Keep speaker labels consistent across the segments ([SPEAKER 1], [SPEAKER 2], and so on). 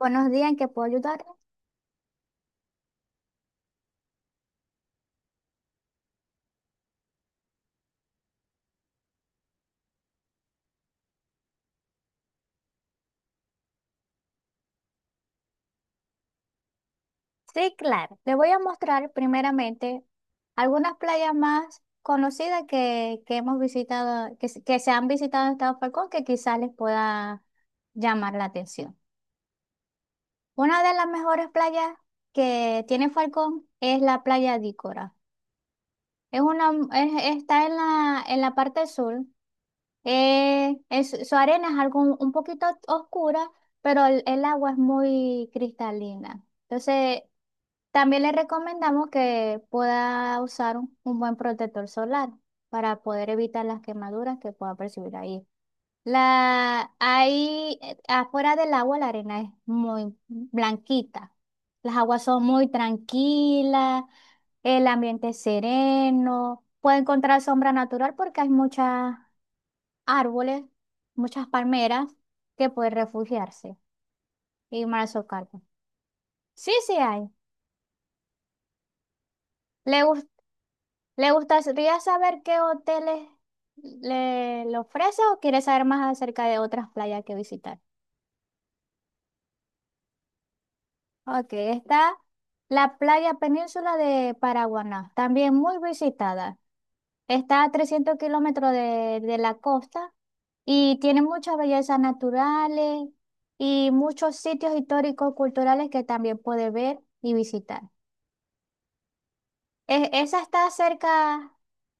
[SPEAKER 1] Buenos días, ¿en qué puedo ayudar? Sí, claro. Le voy a mostrar primeramente algunas playas más conocidas que hemos visitado, que, se han visitado en Estado Falcón, que quizás les pueda llamar la atención. Una de las mejores playas que tiene Falcón es la playa de Ícora. Es una, está en la parte sur. Su arena es algo un poquito oscura, pero el agua es muy cristalina. Entonces, también le recomendamos que pueda usar un buen protector solar para poder evitar las quemaduras que pueda percibir ahí. La, ahí, afuera del agua, la arena es muy blanquita. Las aguas son muy tranquilas, el ambiente es sereno. Puede encontrar sombra natural porque hay muchas árboles, muchas palmeras que puede refugiarse y marzocarpos. Sí, sí hay. ¿Le, gus- ¿Le gustaría saber qué hoteles le, le ofrece o quiere saber más acerca de otras playas que visitar? Ok, está la playa península de Paraguaná, también muy visitada. Está a 300 kilómetros de la costa y tiene muchas bellezas naturales y muchos sitios históricos, culturales que también puede ver y visitar. Esa está cerca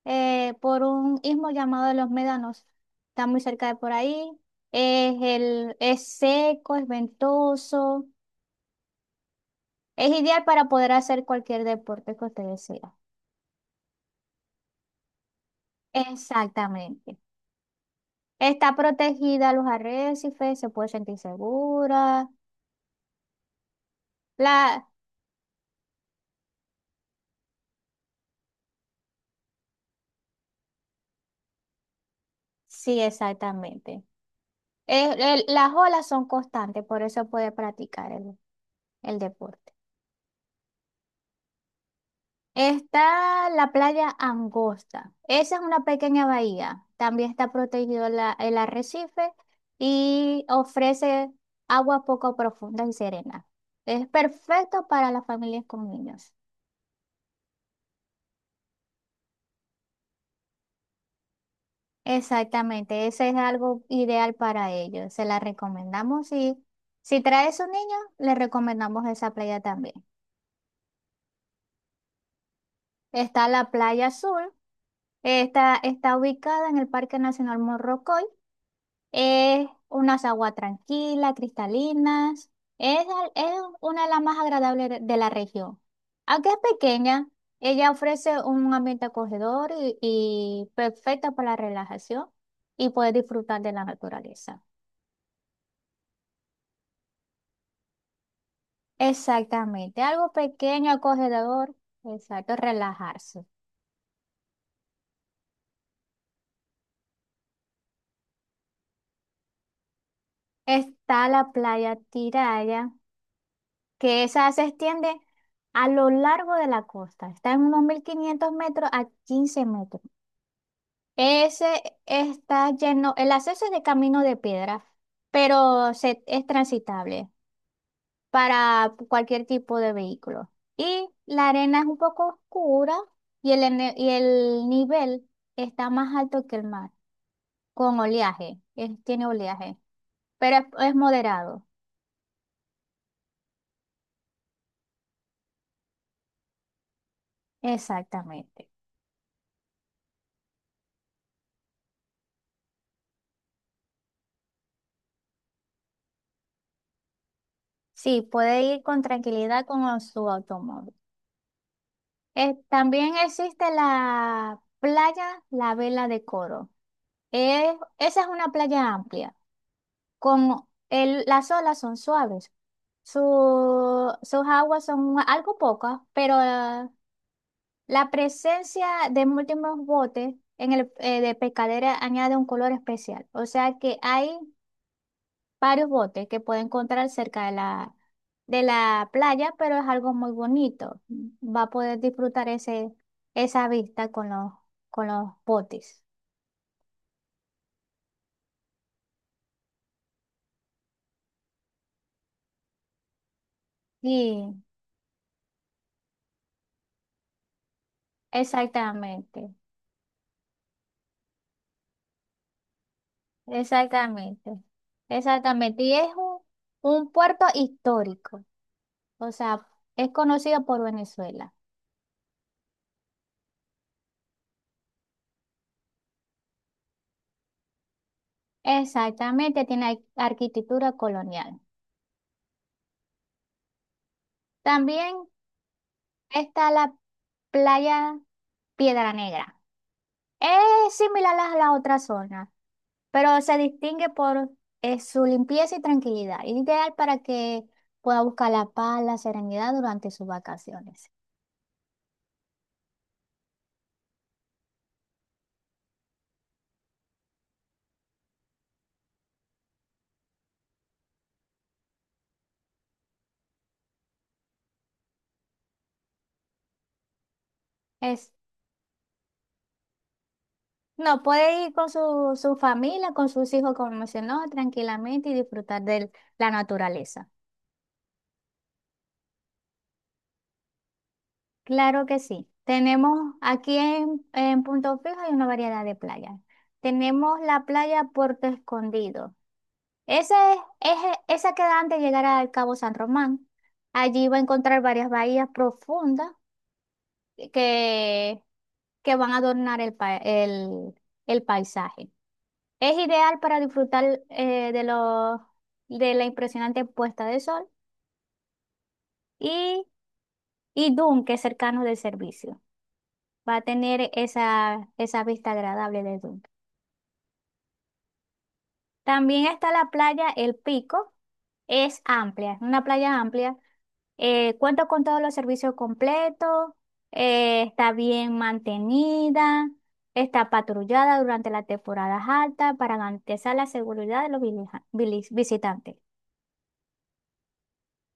[SPEAKER 1] por un istmo llamado Los Médanos. Está muy cerca de por ahí. Es, el, es seco, es ventoso. Es ideal para poder hacer cualquier deporte que usted desea. Exactamente. Está protegida a los arrecifes, se puede sentir segura. La... Sí, exactamente. Las olas son constantes, por eso puede practicar el deporte. Está la playa Angosta. Esa es una pequeña bahía. También está protegido el arrecife y ofrece agua poco profunda y serena. Es perfecto para las familias con niños. Exactamente, ese es algo ideal para ellos. Se la recomendamos y si trae su niño, le recomendamos esa playa también. Está la playa Azul. Esta está ubicada en el Parque Nacional Morrocoy. Es unas aguas tranquilas, cristalinas. Es, es una de las más agradables de la región. Aunque es pequeña, ella ofrece un ambiente acogedor y perfecto para la relajación y poder disfrutar de la naturaleza. Exactamente, algo pequeño, acogedor, exacto, relajarse. Está la playa Tiraya, que esa se extiende a lo largo de la costa. Está en unos 1.500 metros a 15 metros. Ese está lleno, el acceso es de camino de piedra, pero es transitable para cualquier tipo de vehículo. Y la arena es un poco oscura y y el nivel está más alto que el mar, con oleaje, tiene oleaje, pero es moderado. Exactamente. Sí, puede ir con tranquilidad con su automóvil. También existe la playa La Vela de Coro. Esa es una playa amplia. Con el, las olas son suaves. Sus aguas son algo pocas, pero la presencia de múltiples botes en el, de pescadera añade un color especial. O sea que hay varios botes que puede encontrar cerca de la playa, pero es algo muy bonito. Va a poder disfrutar ese, esa vista con los botes. Sí, exactamente. Exactamente, Exactamente. Y es un puerto histórico, o sea, es conocido por Venezuela. Exactamente, tiene arquitectura colonial. También está la playa Piedra Negra. Es similar a la otra zona, pero se distingue por su limpieza y tranquilidad, ideal para que pueda buscar la paz, la serenidad durante sus vacaciones. No, puede ir con su, su familia, con sus hijos, como mencionó, tranquilamente y disfrutar de la naturaleza. Claro que sí. Tenemos aquí en Punto Fijo hay una variedad de playas. Tenemos la playa Puerto Escondido. Esa es, esa queda antes de llegar al Cabo San Román. Allí va a encontrar varias bahías profundas que, que van a adornar el, el paisaje. Es ideal para disfrutar eh, de, los de la impresionante puesta de sol y, y Dune, que es cercano del servicio. Va a tener esa, esa vista agradable de Dune. También está la playa El Pico. Es amplia, es una playa amplia. Cuenta con todos los servicios completos, está bien mantenida, está patrullada durante las temporadas altas para garantizar la seguridad de los visitantes.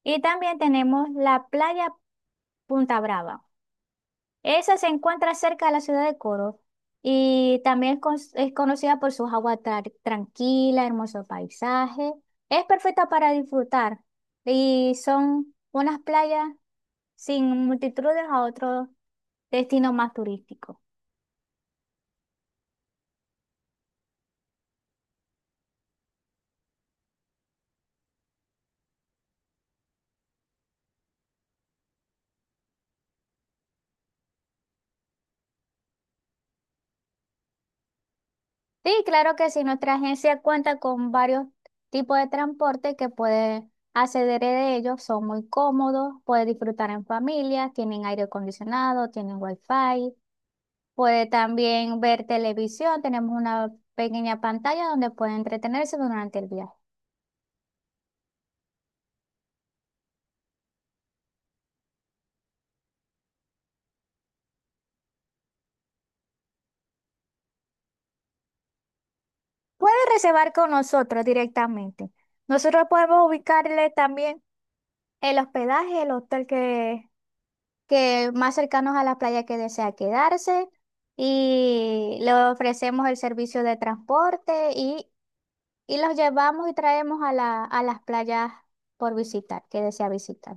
[SPEAKER 1] Y también tenemos la playa Punta Brava. Esa se encuentra cerca de la ciudad de Coro y también es, es conocida por sus aguas tranquilas, hermoso paisaje. Es perfecta para disfrutar y son unas playas sin multitudes a otro destino más turístico. Sí, claro que sí, nuestra agencia cuenta con varios tipos de transporte que puede acceder de ellos, son muy cómodos, puede disfrutar en familia, tienen aire acondicionado, tienen wifi, puede también ver televisión, tenemos una pequeña pantalla donde puede entretenerse durante el viaje. Puede reservar con nosotros directamente. Nosotros podemos ubicarle también el hospedaje, el hotel que más cercanos a la playa que desea quedarse y le ofrecemos el servicio de transporte y los llevamos y traemos a la, a las playas por visitar, que desea visitar.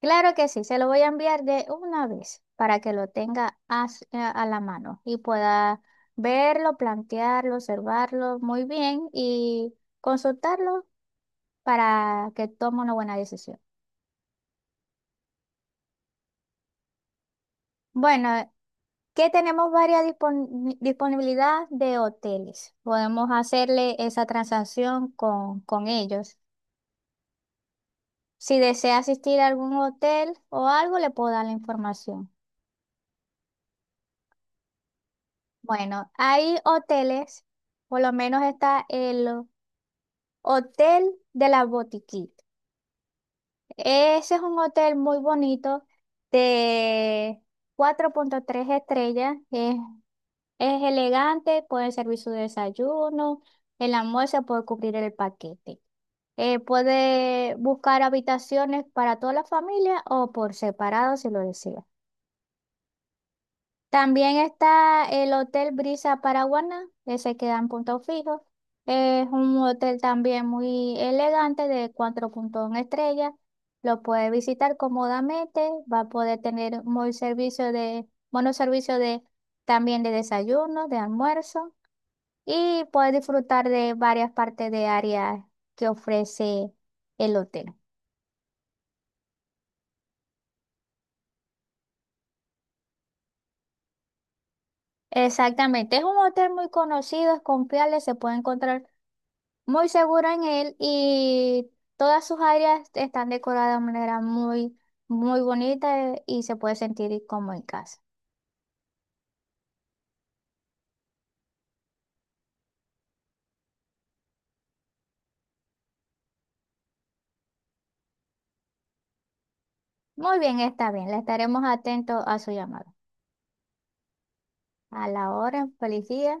[SPEAKER 1] Claro que sí, se lo voy a enviar de una vez para que lo tenga a, a la mano y pueda verlo, plantearlo, observarlo muy bien y consultarlo para que tome una buena decisión. Bueno, que tenemos varias disponibilidad de hoteles. Podemos hacerle esa transacción con ellos. Si desea asistir a algún hotel o algo, le puedo dar la información. Bueno, hay hoteles, por lo menos está el Hotel de la Botiquita. Ese es un hotel muy bonito de 4.3 estrellas. Es elegante, puede servir su desayuno, el almuerzo puede cubrir el paquete. Puede buscar habitaciones para toda la familia o por separado si lo desea. También está el Hotel Brisa Paraguaná, ese queda en Punto Fijo. Es un hotel también muy elegante de 4.1 estrellas. Lo puede visitar cómodamente, va a poder tener muy servicio de, buenos servicios de, también de desayuno, de almuerzo y puedes disfrutar de varias partes de áreas que ofrece el hotel. Exactamente, es un hotel muy conocido, es confiable, se puede encontrar muy seguro en él y todas sus áreas están decoradas de manera muy, muy bonita y se puede sentir como en casa. Muy bien, está bien, le estaremos atentos a su llamado. A la hora, feliz día.